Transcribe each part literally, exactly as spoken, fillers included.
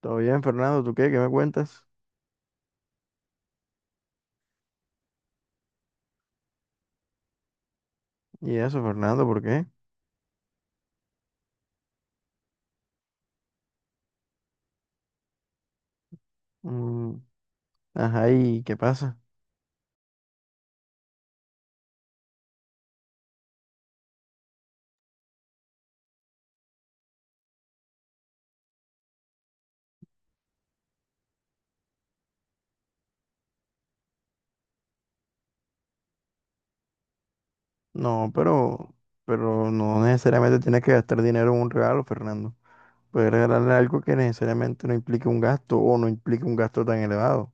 Todo bien, Fernando, ¿tú qué? ¿Qué me cuentas? Y eso, Fernando, ¿por qué? Mm, ajá, ¿y qué pasa? No, pero, pero no necesariamente tienes que gastar dinero en un regalo, Fernando. Puedes regalarle algo que necesariamente no implique un gasto o no implique un gasto tan elevado.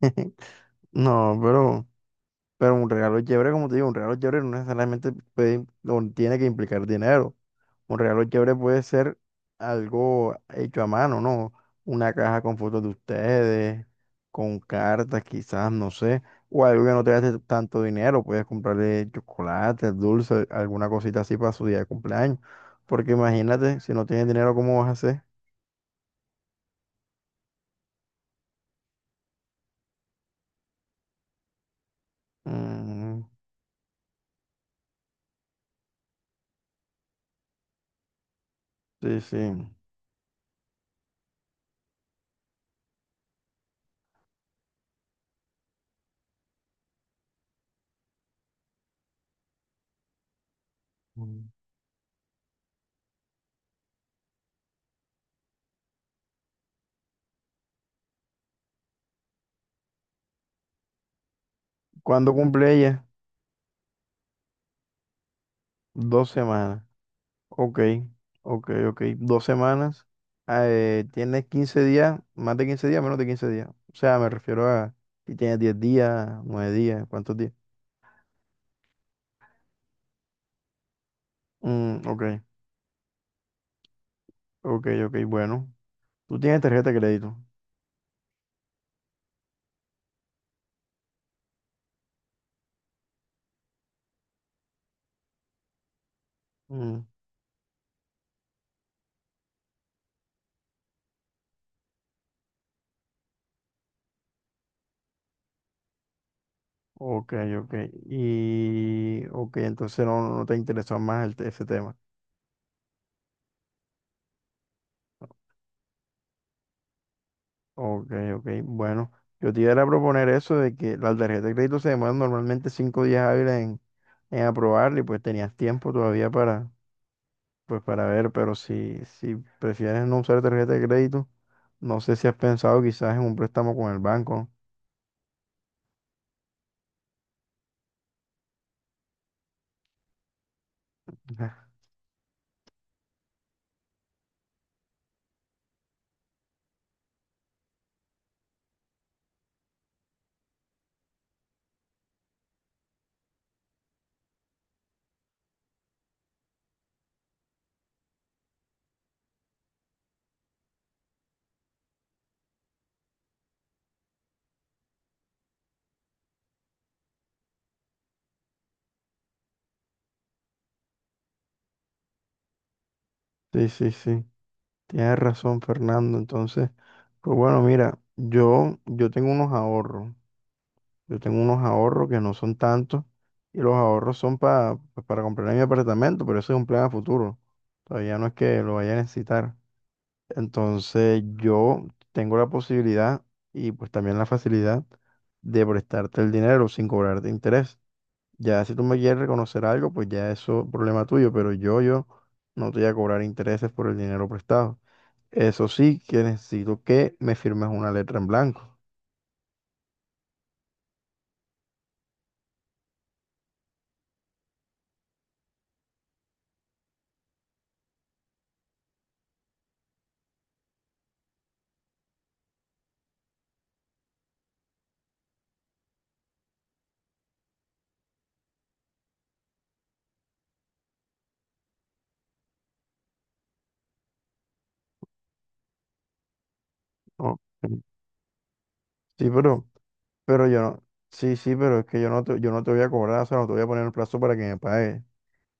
No, pero, pero un regalo chévere, como te digo, un regalo chévere no necesariamente puede, o tiene que implicar dinero. Un regalo chévere puede ser algo hecho a mano, ¿no? Una caja con fotos de ustedes, con cartas quizás, no sé, o algo que no te gaste tanto dinero, puedes comprarle chocolate, dulce, alguna cosita así para su día de cumpleaños. Porque imagínate, si no tienes dinero, ¿cómo vas a hacer? Mm, sí, sí. Mm. ¿Cuándo cumple ella? Dos semanas. Ok, ok, ok. Dos semanas. Ah, Eh, tienes quince días, más de quince días, menos de quince días. O sea, me refiero a si tienes diez días, nueve días, ¿cuántos días? Mm, ok, ok, ok. Bueno, tú tienes tarjeta de crédito. Mm, ok, ok. Y, ok, entonces no, no te interesa más el te- ese tema. Ok, ok. Bueno, yo te iba a proponer eso de que la tarjeta de crédito se demora normalmente cinco días hábiles en, en aprobarla y pues tenías tiempo todavía para pues para ver, pero si, si prefieres no usar tarjeta de crédito, no sé si has pensado quizás en un préstamo con el banco. Sí, sí, sí. Tienes razón, Fernando. Entonces, pues bueno, mira, yo, yo tengo unos ahorros. Yo tengo unos ahorros que no son tantos. Y los ahorros son pa- pues para comprar mi apartamento, pero eso es un plan a futuro. Todavía no es que lo vaya a necesitar. Entonces yo tengo la posibilidad y pues también la facilidad de prestarte el dinero sin cobrarte interés. Ya si tú me quieres reconocer algo, pues ya eso es problema tuyo, pero yo, yo no te voy a cobrar intereses por el dinero prestado. Eso sí, que necesito que me firmes una letra en blanco. ¿No? Sí, pero, pero yo no, sí, sí, pero es que yo no te, yo no te voy a cobrar, o sea, no te voy a poner el plazo para que me pagues.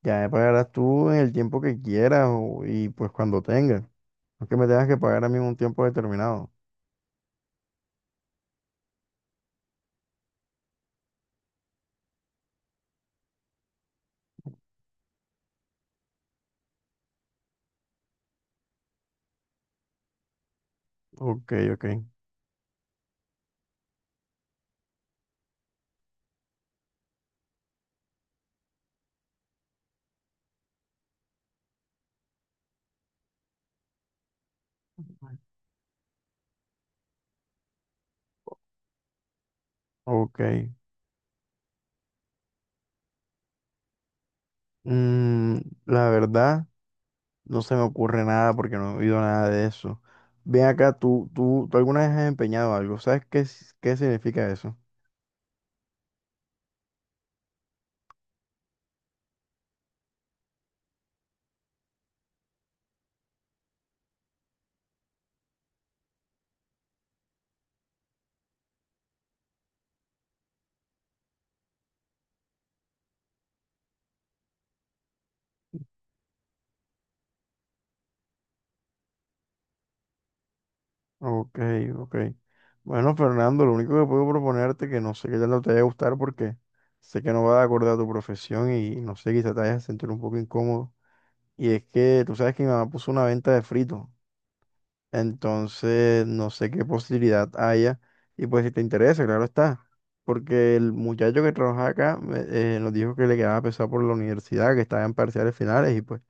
Ya me pagarás tú en el tiempo que quieras o- y pues cuando tengas. No es que me tengas que pagar a mí en un tiempo determinado. Ok, ok, ok. Mm, la verdad, no se me ocurre nada porque no he oído nada de eso. Ven acá, tú, tú, tú alguna vez has empeñado algo. ¿Sabes qué, s- qué significa eso? Ok, ok. Bueno, Fernando, lo único que puedo proponerte que no sé qué tal te vaya a gustar porque sé que no va de acuerdo a tu profesión y no sé, quizá te vayas a sentir un poco incómodo. Y es que tú sabes que mi mamá puso una venta de fritos, entonces no sé qué posibilidad haya. Y pues si te interesa, claro está. Porque el muchacho que trabaja acá me- eh, nos dijo que le quedaba pesado por la universidad, que estaba en parciales finales y pues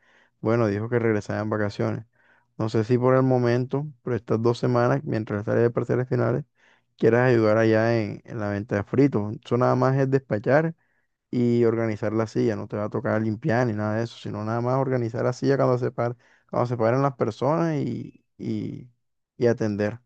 bueno, dijo que regresaba en vacaciones. No sé si por el momento, pero estas dos semanas, mientras sale de parciales finales, quieras ayudar allá en, en la venta de fritos. Eso nada más es despachar y organizar la silla. No te va a tocar limpiar ni nada de eso, sino nada más organizar la silla cuando se par- cuando se paren las personas y, y, y atender.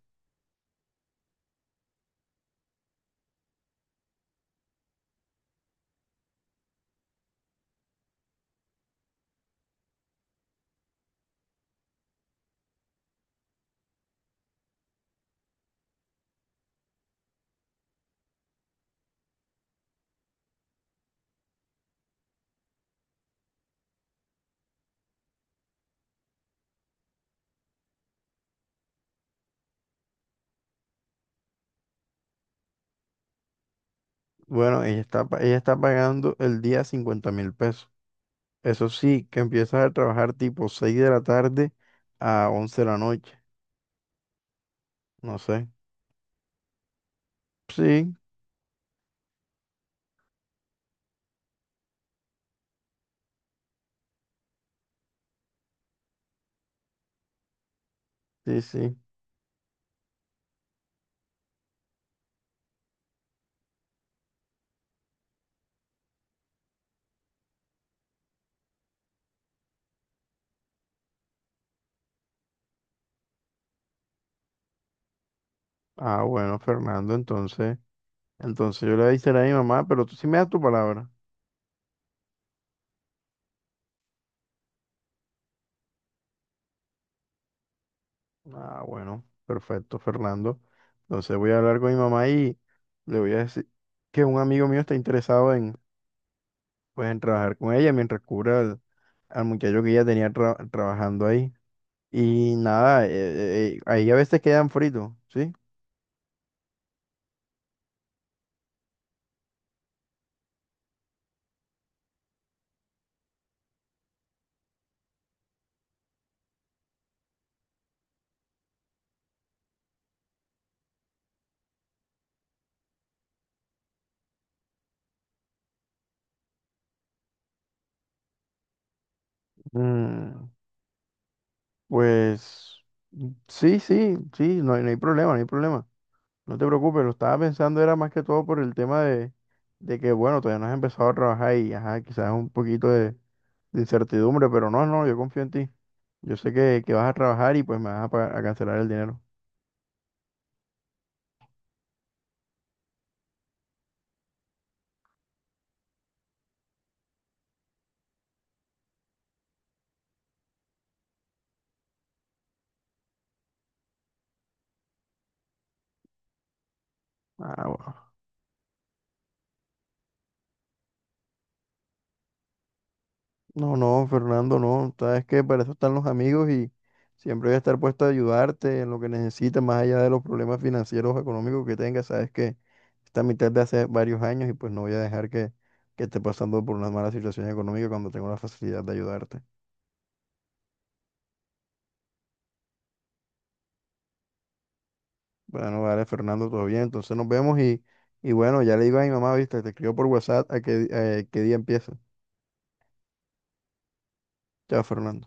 Bueno, ella está, pa- ella está pagando el día cincuenta mil pesos. Eso sí, que empiezas a trabajar tipo seis de la tarde a once de la noche. No sé. Sí, sí, sí. Ah, bueno, Fernando, entonces, entonces yo le voy a decir a mi mamá, pero tú sí me das tu palabra. Ah, bueno, perfecto, Fernando. Entonces voy a hablar con mi mamá y le voy a decir que un amigo mío está interesado en, pues, en trabajar con ella mientras cubra al, al muchacho que ella tenía tra- trabajando ahí. Y nada, eh, eh, ahí a veces quedan fritos, ¿sí? Mm, pues mm, sí, sí, sí, no hay, no hay problema, no hay problema. No te preocupes, lo estaba pensando era más que todo por el tema de, de que, bueno, todavía no has empezado a trabajar y, ajá, quizás un poquito de de incertidumbre, pero no, no, yo confío en ti. Yo sé que, que vas a trabajar y pues me vas a, pagar- a cancelar el dinero. Ah, bueno. No, no, Fernando, no. Sabes que para eso están los amigos y siempre voy a estar puesto a ayudarte en lo que necesites, más allá de los problemas financieros o económicos que tengas. Sabes que esta mitad de hace varios años y pues no voy a dejar que, que esté pasando por una mala situación económica cuando tengo la facilidad de ayudarte. Bueno, vale, Fernando, todo bien. Entonces nos vemos y, y bueno, ya le digo a mi mamá, viste, te escribo por WhatsApp a qué, di- eh, qué día empieza. Chao, Fernando.